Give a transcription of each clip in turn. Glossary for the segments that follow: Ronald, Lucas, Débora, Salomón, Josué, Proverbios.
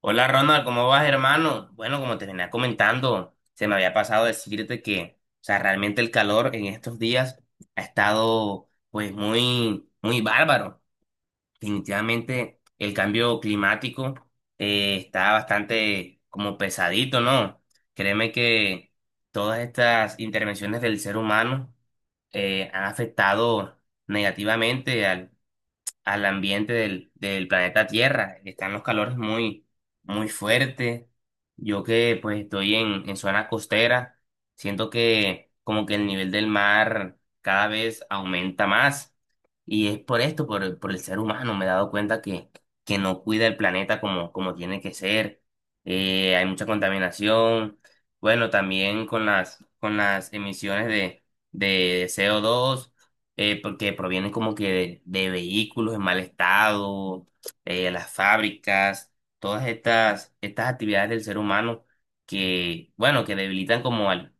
Hola Ronald, ¿cómo vas, hermano? Bueno, como te venía comentando, se me había pasado decirte que realmente el calor en estos días ha estado, pues, muy, muy bárbaro. Definitivamente el cambio climático está bastante como pesadito, ¿no? Créeme que todas estas intervenciones del ser humano han afectado negativamente al ambiente del planeta Tierra. Están los calores muy, muy fuertes. Yo que pues estoy en zona costera, siento que como que el nivel del mar cada vez aumenta más. Y es por esto, por el ser humano. Me he dado cuenta que no cuida el planeta como, como tiene que ser. Hay mucha contaminación. Bueno, también con las emisiones de CO2, porque provienen como que de vehículos en mal estado, las fábricas, todas estas actividades del ser humano que, bueno, que debilitan como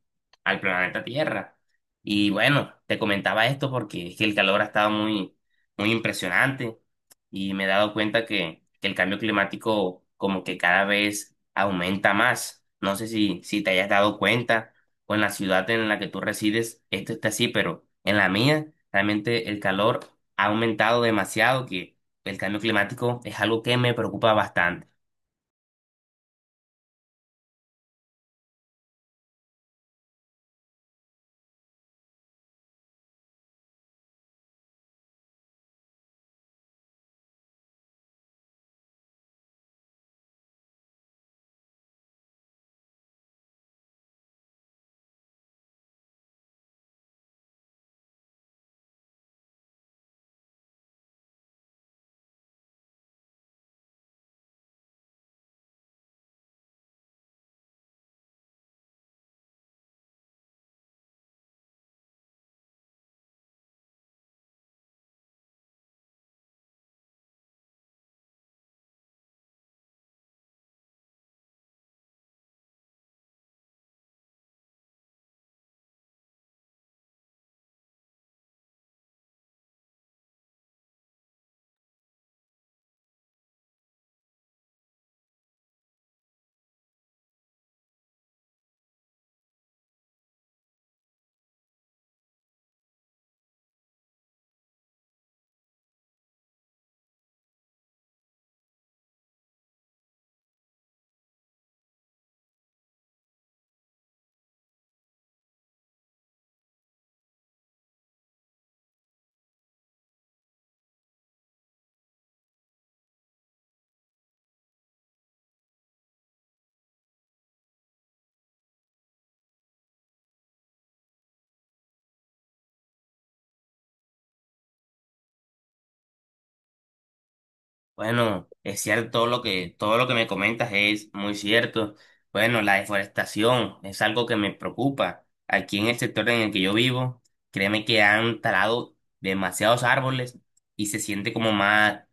al planeta Tierra. Y bueno, te comentaba esto porque es que el calor ha estado muy, muy impresionante y me he dado cuenta que el cambio climático como que cada vez aumenta más. No sé si te hayas dado cuenta o en la ciudad en la que tú resides, esto está así, pero en la mía realmente el calor ha aumentado demasiado, que el cambio climático es algo que me preocupa bastante. Bueno, es cierto todo todo lo que me comentas es muy cierto. Bueno, la deforestación es algo que me preocupa. Aquí en el sector en el que yo vivo, créeme que han talado demasiados árboles y se siente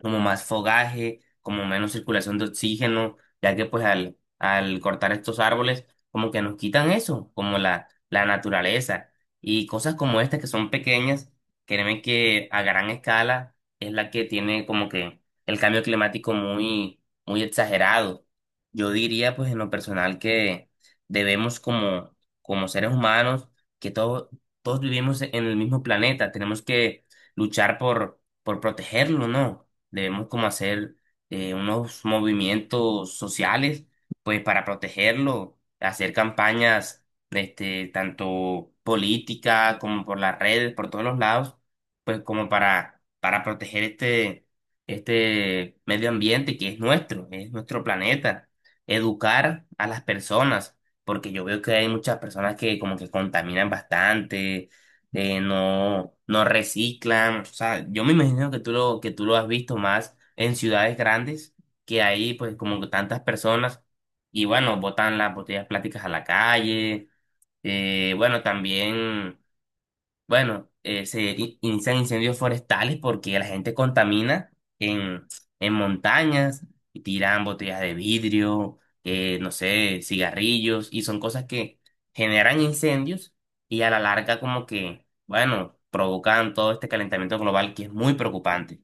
como más fogaje, como menos circulación de oxígeno, ya que pues al cortar estos árboles, como que nos quitan eso, como la naturaleza. Y cosas como estas que son pequeñas, créeme que a gran escala es la que tiene como que el cambio climático muy, muy exagerado. Yo diría pues en lo personal que debemos como, como seres humanos, que todos, todos vivimos en el mismo planeta, tenemos que luchar por protegerlo, ¿no? Debemos como hacer unos movimientos sociales, pues para protegerlo, hacer campañas, este, tanto política como por las redes, por todos los lados, pues como para proteger este, este medio ambiente que es nuestro planeta, educar a las personas, porque yo veo que hay muchas personas que como que contaminan bastante, no, no reciclan. O sea, yo me imagino que que tú lo has visto más en ciudades grandes, que ahí pues como que tantas personas y bueno, botan las botellas plásticas a la calle. Bueno, también bueno, se inician incendios forestales porque la gente contamina en, en montañas y tiran botellas de vidrio, no sé, cigarrillos y son cosas que generan incendios y a la larga como que, bueno, provocan todo este calentamiento global que es muy preocupante.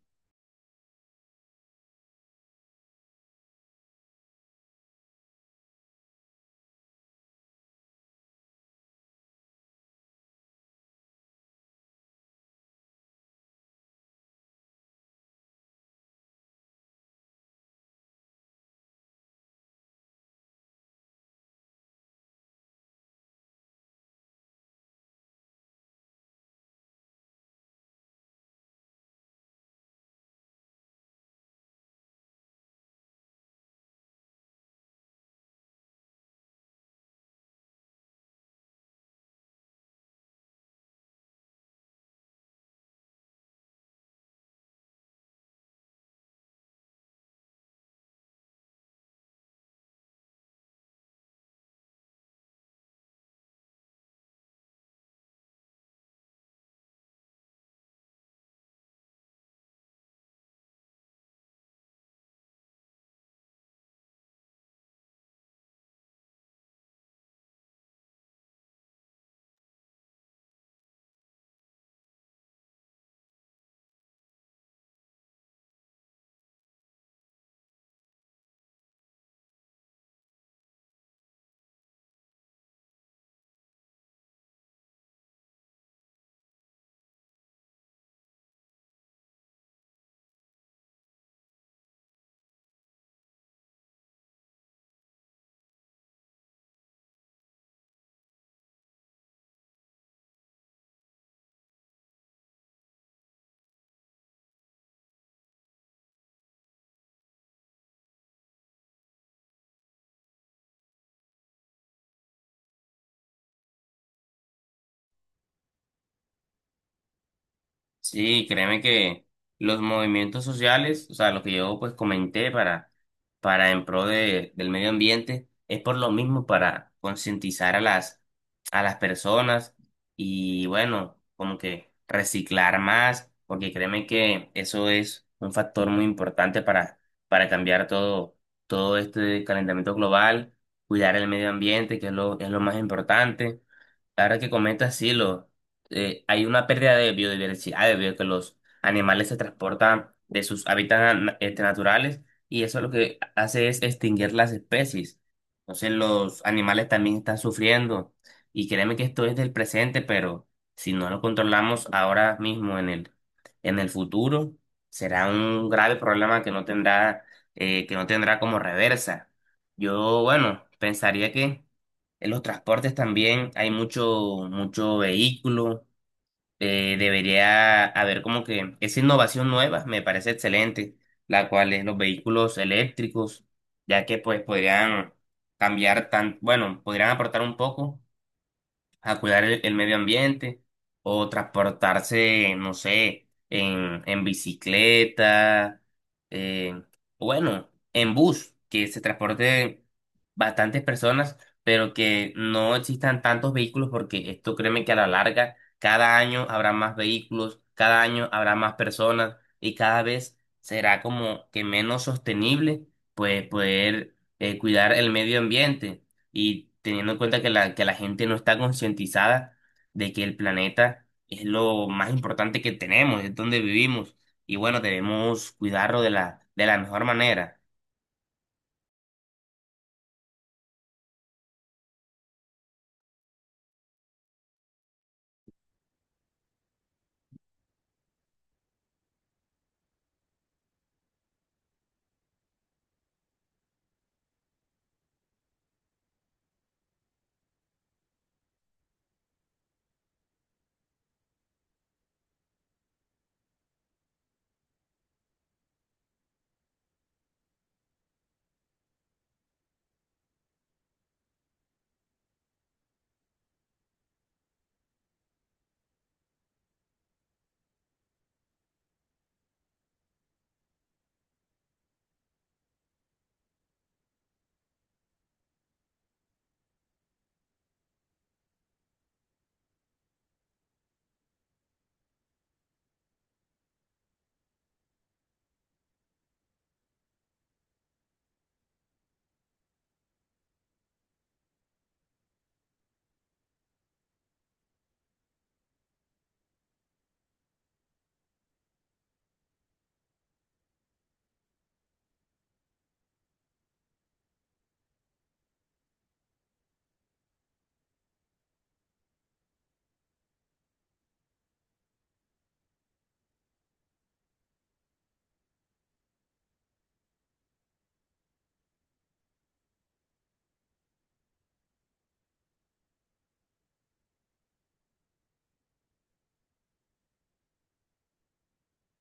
Sí, créeme que los movimientos sociales, o sea, lo que yo pues comenté para en pro del medio ambiente, es por lo mismo para concientizar a a las personas y bueno, como que reciclar más, porque créeme que eso es un factor muy importante para cambiar todo, todo este calentamiento global, cuidar el medio ambiente, que es lo más importante. Ahora que comentas, sí, hay una pérdida de biodiversidad debido a que los animales se transportan de sus hábitats este, naturales y eso lo que hace es extinguir las especies. Entonces los animales también están sufriendo y créeme que esto es del presente, pero si no lo controlamos ahora mismo en en el futuro, será un grave problema que no tendrá, que no tendrá como reversa. Yo, bueno, pensaría que en los transportes también hay mucho, mucho vehículo. Debería haber como que esa innovación nueva me parece excelente, la cual es los vehículos eléctricos, ya que pues podrían cambiar tan, bueno, podrían aportar un poco a cuidar el medio ambiente o transportarse, no sé, en bicicleta, eh, bueno, en bus, que se transporte bastantes personas, pero que no existan tantos vehículos porque esto créeme que a la larga cada año habrá más vehículos, cada año habrá más personas y cada vez será como que menos sostenible pues poder cuidar el medio ambiente y teniendo en cuenta que que la gente no está concientizada de que el planeta es lo más importante que tenemos, es donde vivimos, y bueno, debemos cuidarlo de de la mejor manera.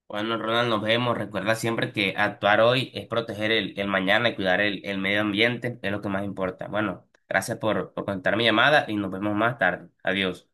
Bueno, Ronald, nos vemos. Recuerda siempre que actuar hoy es proteger el mañana y cuidar el medio ambiente, es lo que más importa. Bueno, gracias por contar mi llamada y nos vemos más tarde. Adiós.